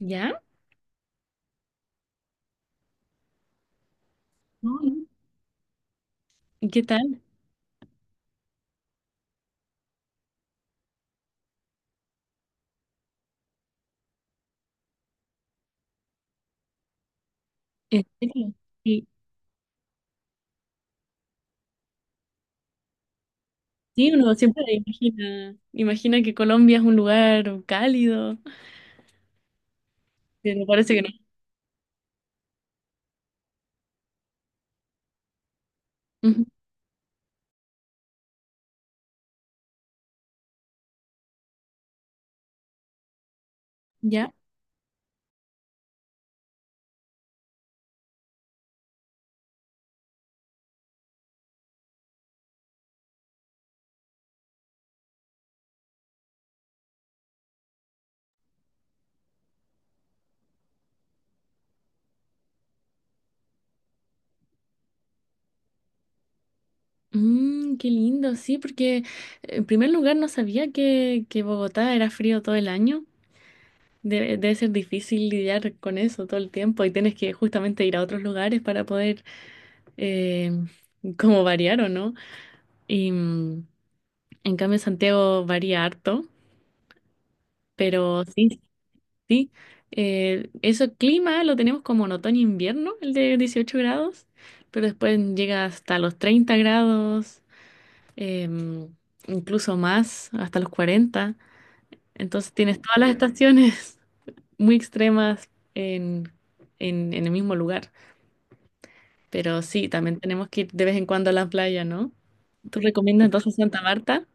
¿Ya? No, no. ¿Y qué tal? ¿En serio? Sí, sí, uno siempre imagina que Colombia es un lugar cálido, pero parece que no. Ujú. ¿Ya? Mm, qué lindo, sí, porque en primer lugar no sabía que Bogotá era frío todo el año. Debe ser difícil lidiar con eso todo el tiempo y tienes que justamente ir a otros lugares para poder eh, como variar o no. Y en cambio Santiago varía harto, pero sí, Sí, ese clima lo tenemos como en otoño-invierno, el de 18 grados, pero después llega hasta los 30 grados, em, incluso más, hasta los cuarenta. Entonces tienes todas las estaciones muy extremas en, en el mismo lugar. Pero sí, también tenemos que ir de vez en cuando a la playa, ¿no? ¿Tú recomiendas entonces Santa Marta?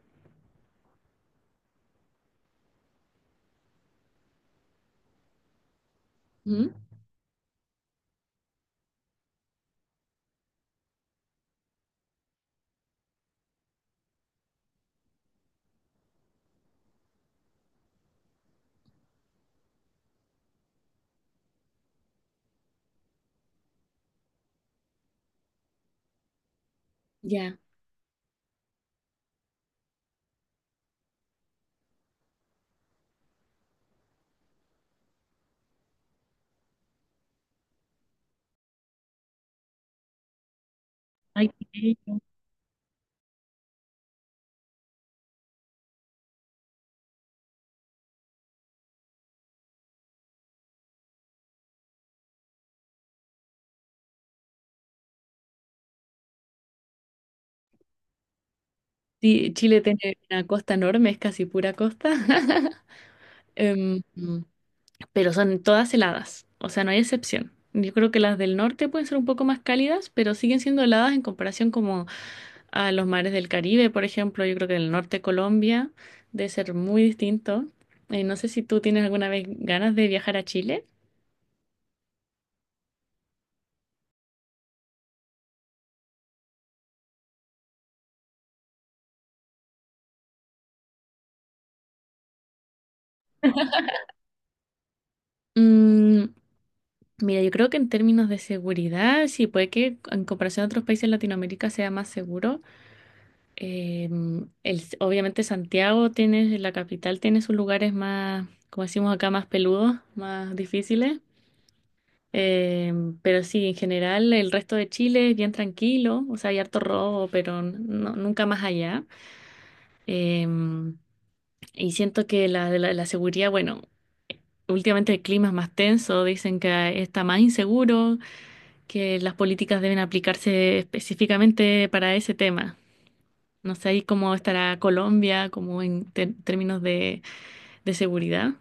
Ujú. Ya. Ay, qué bello. Sí, Chile tiene una costa enorme, es casi pura costa. Em, pero son todas heladas, o sea, no hay excepción. Yo creo que las del norte pueden ser un poco más cálidas, pero siguen siendo heladas en comparación como a los mares del Caribe, por ejemplo. Yo creo que el norte de Colombia debe ser muy distinto. No sé si tú tienes alguna vez ganas de viajar a Chile. Mm, mira, yo creo que en términos de seguridad, sí, puede que en comparación a otros países de Latinoamérica sea más seguro. Obviamente Santiago tiene, la capital tiene sus lugares más, como decimos acá, más peludos, más difíciles. Pero sí, en general el resto de Chile es bien tranquilo, o sea, hay harto robo, pero nunca más allá. Em, y siento que la seguridad, bueno, últimamente el clima es más tenso, dicen que está más inseguro, que las políticas deben aplicarse específicamente para ese tema. No sé ahí cómo estará Colombia, como en términos de seguridad.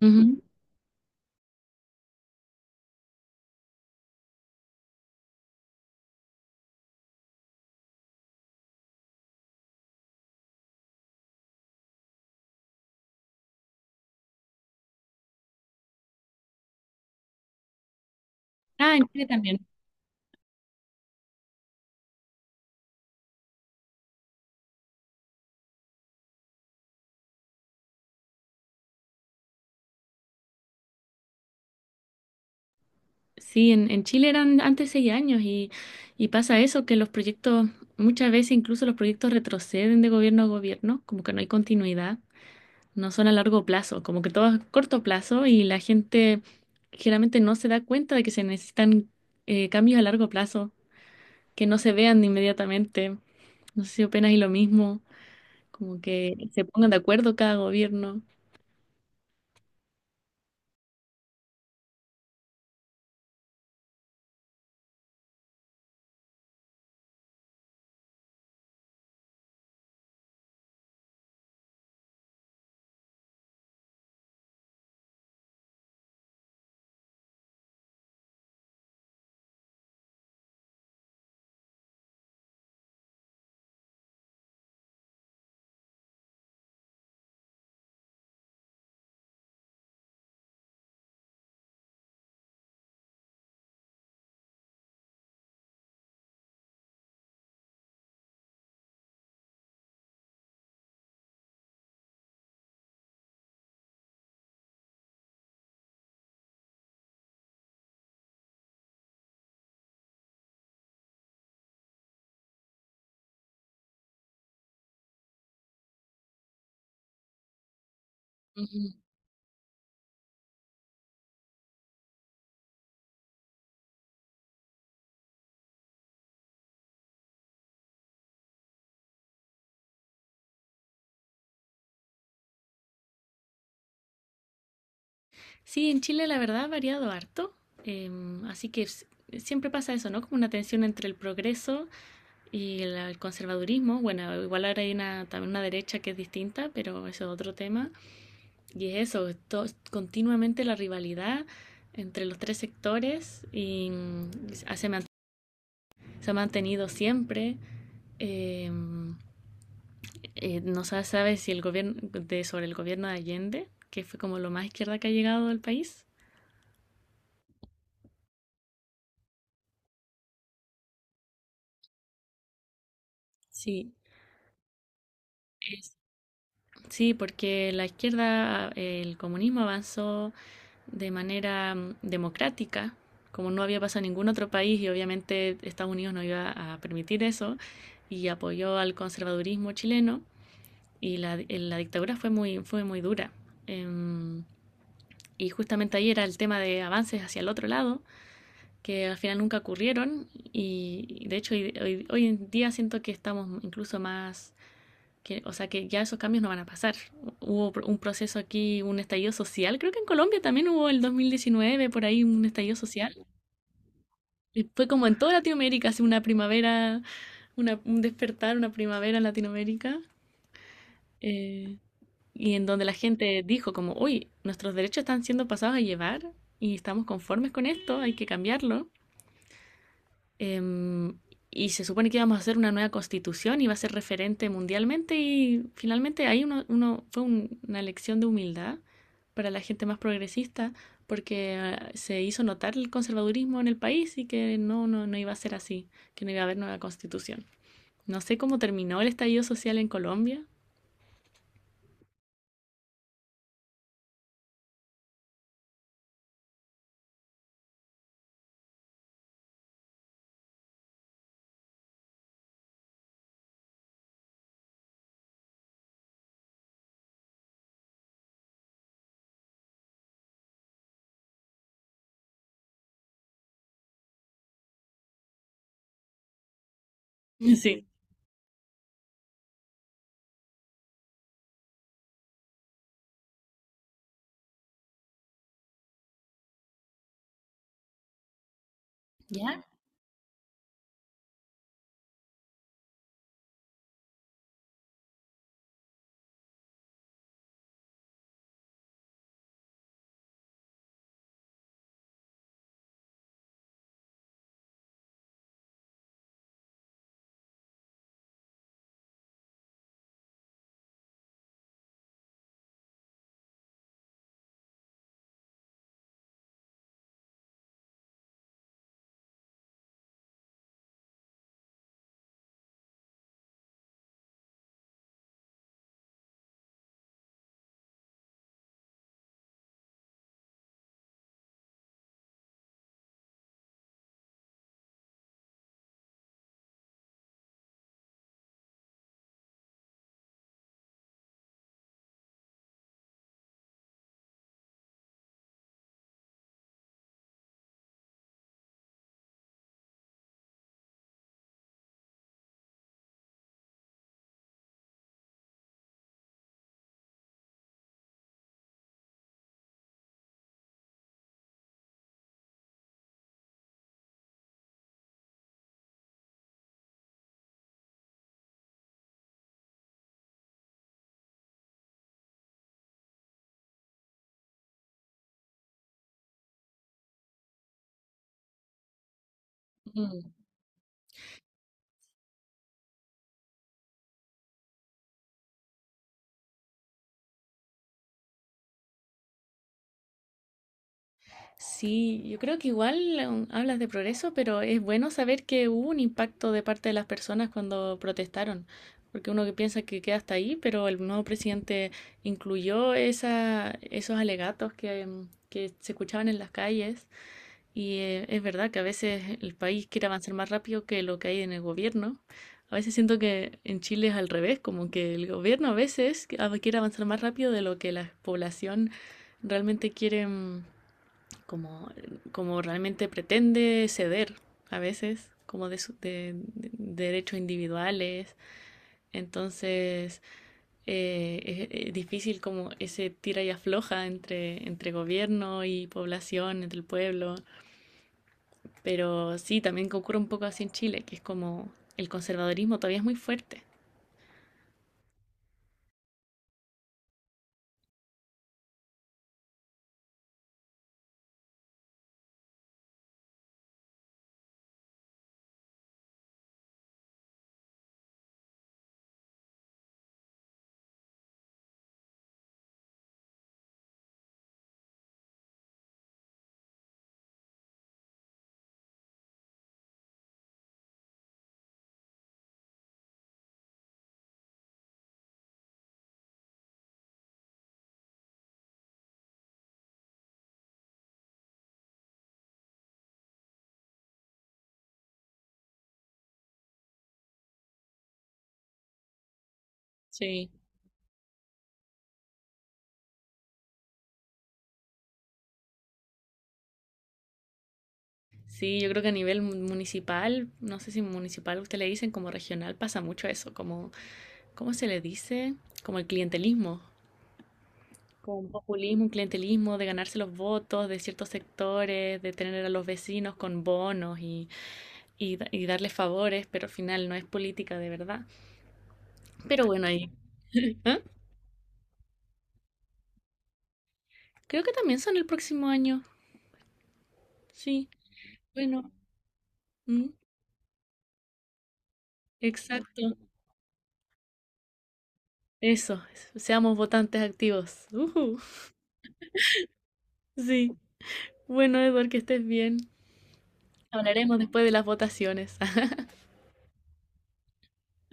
Ujú. Ah, en Chile también. Sí, en Chile eran antes seis años y pasa eso, que los proyectos, muchas veces incluso los proyectos retroceden de gobierno a gobierno, como que no hay continuidad, no son a largo plazo, como que todo es corto plazo y la gente generalmente no se da cuenta de que se necesitan cambios a largo plazo, que no se vean inmediatamente. No sé si opinas y lo mismo, como que se pongan de acuerdo cada gobierno. Ujú. Sí, en Chile la verdad ha variado harto, así que siempre pasa eso, ¿no? Como una tensión entre el progreso y el conservadurismo. Bueno, igual ahora hay una, también una derecha que es distinta, pero eso es otro tema. Y es eso, continuamente la rivalidad entre los tres sectores y se ha mantenido siempre. Em, no se sabe si el gobierno de, sobre el gobierno de Allende, que fue como lo más izquierda que ha llegado al país. Sí. Sí, porque la izquierda, el comunismo avanzó de manera democrática, como no había pasado en ningún otro país y obviamente Estados Unidos no iba a permitir eso, y apoyó al conservadurismo chileno y la dictadura fue muy dura. Em, y justamente ahí era el tema de avances hacia el otro lado, que al final nunca ocurrieron y de hecho hoy en día siento que estamos incluso más que, o sea, que ya esos cambios no van a pasar. Hubo un proceso aquí, un estallido social, creo que en Colombia también hubo el 2019, por ahí un estallido social. Y fue como en toda Latinoamérica, así una primavera, una, un despertar, una primavera en Latinoamérica, eh, y en donde la gente dijo como, uy, nuestros derechos están siendo pasados a llevar y estamos conformes con esto, hay que cambiarlo. Em, y se supone que íbamos a hacer una nueva constitución, iba a ser referente mundialmente y finalmente ahí uno, una lección de humildad para la gente más progresista porque se hizo notar el conservadurismo en el país y que no, no, no iba a ser así, que no iba a haber nueva constitución. No sé cómo terminó el estallido social en Colombia. Sí. ¿Ya? Sí, yo creo que igual hablas de progreso, pero es bueno saber que hubo un impacto de parte de las personas cuando protestaron, porque uno que piensa que queda hasta ahí, pero el nuevo presidente incluyó esa, esos alegatos que, que se escuchaban en las calles y es verdad que a veces el país quiere avanzar más rápido que lo que hay en el gobierno. A veces siento que en Chile es al revés, como que el gobierno a veces quiere avanzar más rápido de lo que la población realmente quiere. Como, como realmente pretende ceder a veces, como de, su, de derechos individuales. Entonces eh, es, difícil como ese tira y afloja entre, entre gobierno y población, entre el pueblo. Pero sí, también ocurre un poco así en Chile, que es como el conservadurismo todavía es muy fuerte. Sí. Sí, yo creo que a nivel municipal, no sé si municipal usted le dicen, como regional pasa mucho eso, como, ¿cómo se le dice? Como el clientelismo, como, populismo, un clientelismo de ganarse los votos de ciertos sectores, de tener a los vecinos con bonos y, y darles favores, pero al final no es política de verdad. Pero bueno, ahí. ¿Ah? Creo que también son el próximo año. Sí, bueno, mm, exacto. Eso, seamos votantes activos. Ujú. Sí, bueno, Eduard, que estés bien. Hablaremos después de las votaciones.